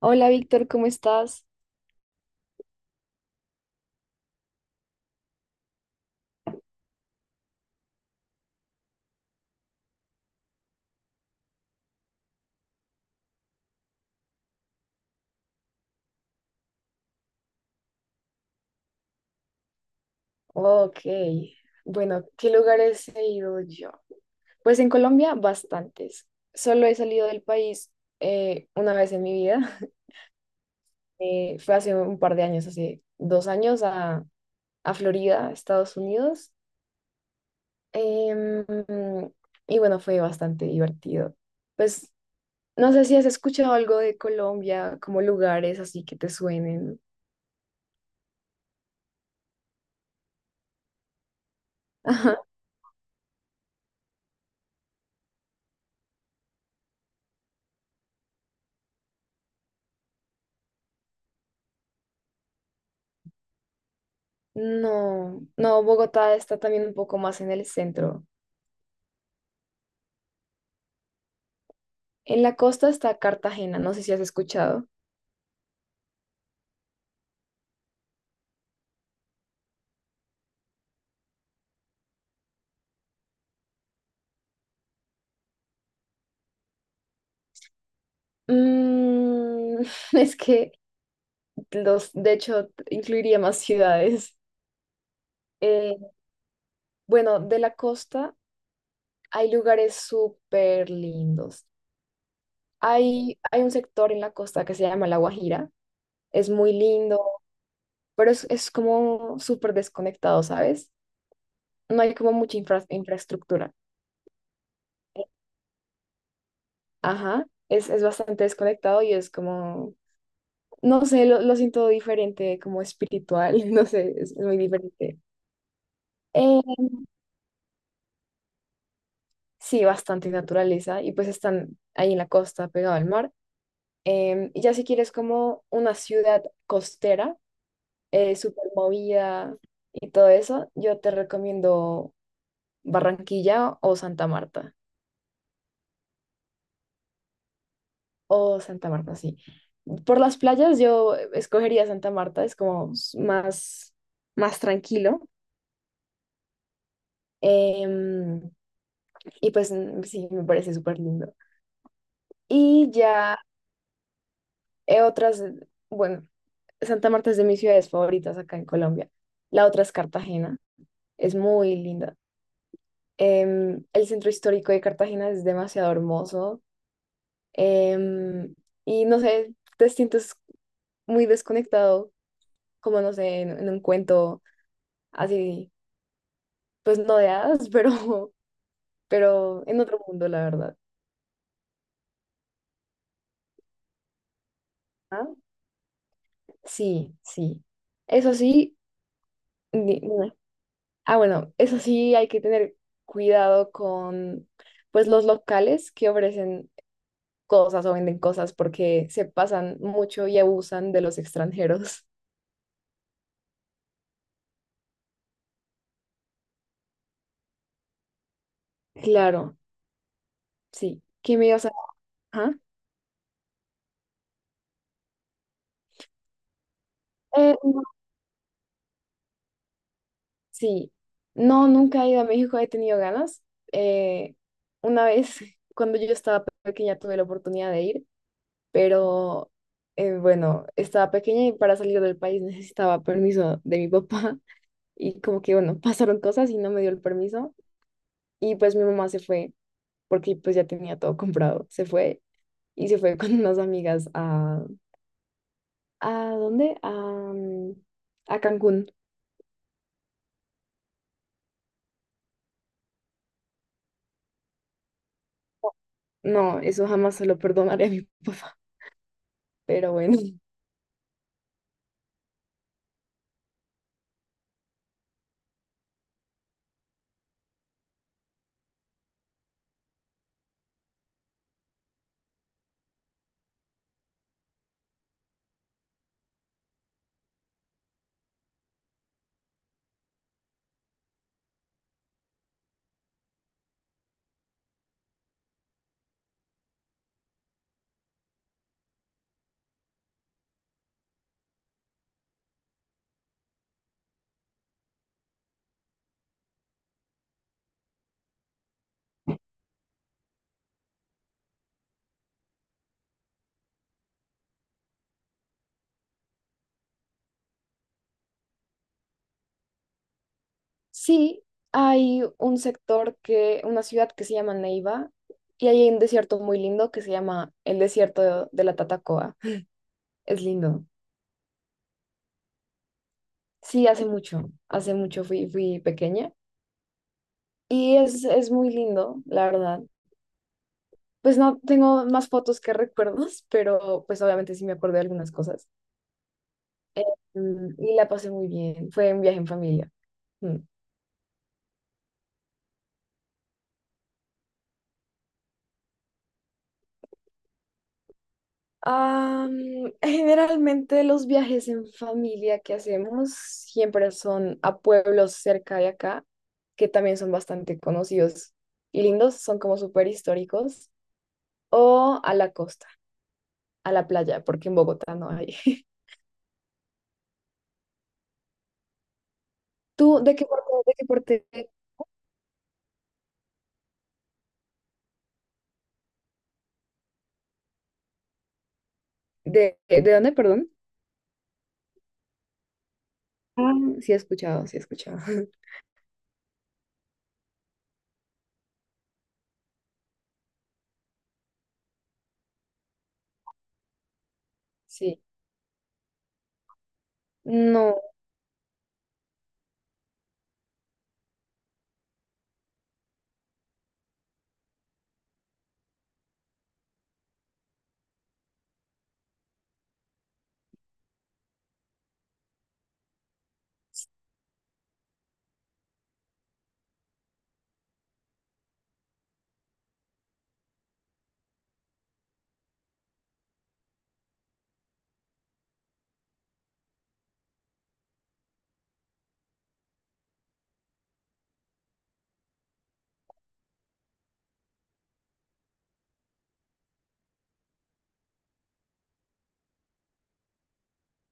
Hola Víctor, ¿cómo estás? Ok, bueno, ¿qué lugares he ido yo? Pues en Colombia, bastantes. Solo he salido del país una vez en mi vida. Fue hace un par de años, hace 2 años, a Florida, Estados Unidos. Em, y bueno, fue bastante divertido. Pues no sé si has escuchado algo de Colombia, como lugares así que te suenen. Ajá. No, no, Bogotá está también un poco más en el centro. En la costa está Cartagena, no sé si has escuchado. Mm, es que los, de hecho, incluiría más ciudades. Eh, bueno, de la costa hay lugares súper lindos. Hay un sector en la costa que se llama La Guajira. Es muy lindo, pero es como súper desconectado, ¿sabes? No hay como mucha infraestructura. Ajá, es bastante desconectado y es como, no sé, lo siento diferente, como espiritual, no sé, es muy diferente. Eh, sí, bastante naturaleza y pues están ahí en la costa, pegado al mar. Y ya si quieres como una ciudad costera, súper movida y todo eso, yo te recomiendo Barranquilla o Santa Marta. O Santa Marta, sí. Por las playas yo escogería Santa Marta, es como más, más tranquilo. Em, y pues mm, sí, me parece súper lindo. Y ya eh, otras, bueno, Santa Marta es de mis ciudades favoritas acá en Colombia. La otra es Cartagena, es muy linda. El centro histórico de Cartagena es demasiado hermoso. Em, y no sé, te sientes muy desconectado, como no sé, en un cuento así, pues no de hadas, pero en otro mundo, la verdad. ¿Ah? Sí, sí. Eso sí, ni- ni- bueno, eso sí hay que tener cuidado con pues los locales que ofrecen cosas o venden cosas porque se pasan mucho y abusan de los extranjeros. Claro. Sí, ¿qué me ibas a...? Ajá. No, sí, no, nunca he ido a México, he tenido ganas. Eh, una vez, cuando yo estaba pequeña, tuve la oportunidad de ir, pero bueno, estaba pequeña y para salir del país necesitaba permiso de mi papá y como que, bueno, pasaron cosas y no me dio el permiso y pues mi mamá se fue porque pues ya tenía todo comprado, se fue y se fue con unas amigas a... ¿A dónde? A, a Cancún. No, eso jamás se lo perdonaré a mi papá, pero bueno. Sí, hay un sector que, una ciudad que se llama Neiva y hay un desierto muy lindo que se llama el desierto de la Tatacoa. Es lindo. Sí, hace mucho fui, fui pequeña y es muy lindo, la verdad. Pues no tengo más fotos que recuerdos, pero pues obviamente sí me acuerdo de algunas cosas. Mm, y la pasé muy bien. Fue un viaje en familia. Mm. Am, generalmente los viajes en familia que hacemos siempre son a pueblos cerca de acá, que también son bastante conocidos y lindos, son como súper históricos, o a la costa, a la playa, porque en Bogotá no hay. ¿Tú de qué parte, de qué parte, de dónde, perdón? Ah, sí he escuchado, sí he escuchado. Sí. No,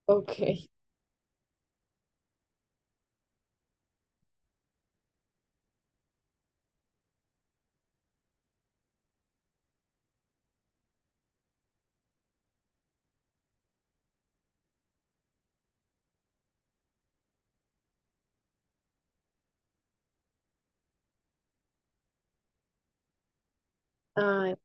ok. Ay,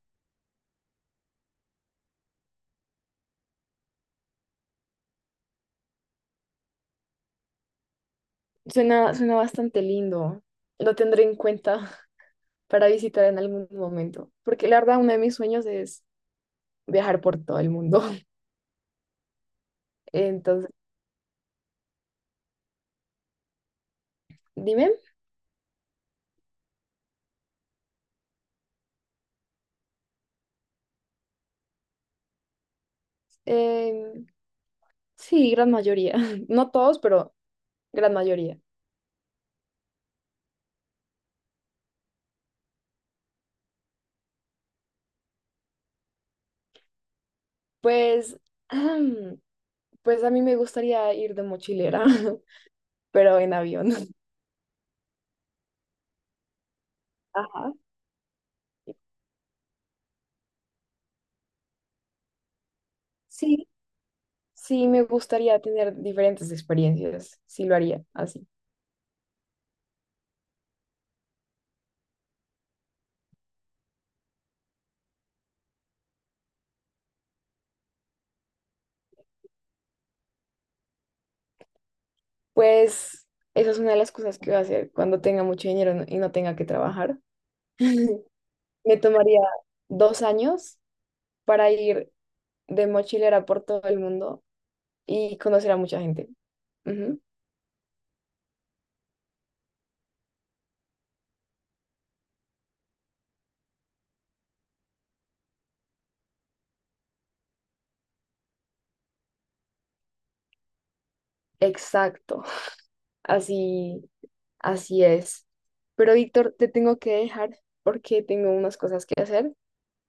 suena, suena bastante lindo. Lo tendré en cuenta para visitar en algún momento, porque la verdad uno de mis sueños es viajar por todo el mundo. Entonces, dime, Em, sí, gran mayoría, no todos, pero gran mayoría. Pues, pues a mí me gustaría ir de mochilera, pero en avión. Ajá. Sí, sí, me gustaría tener diferentes experiencias, sí lo haría así. Pues esa es una de las cosas que voy a hacer cuando tenga mucho dinero y no tenga que trabajar. Me tomaría 2 años para ir de mochilera por todo el mundo y conocer a mucha gente. Ujú, exacto, así, así es. Pero Víctor, te tengo que dejar porque tengo unas cosas que hacer,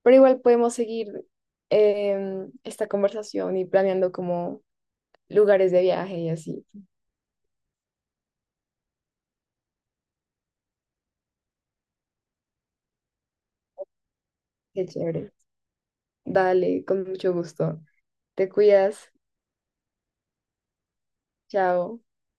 pero igual podemos seguir esta conversación y planeando como lugares de viaje y así. Qué chévere. Dale, con mucho gusto. Te cuidas. Chao.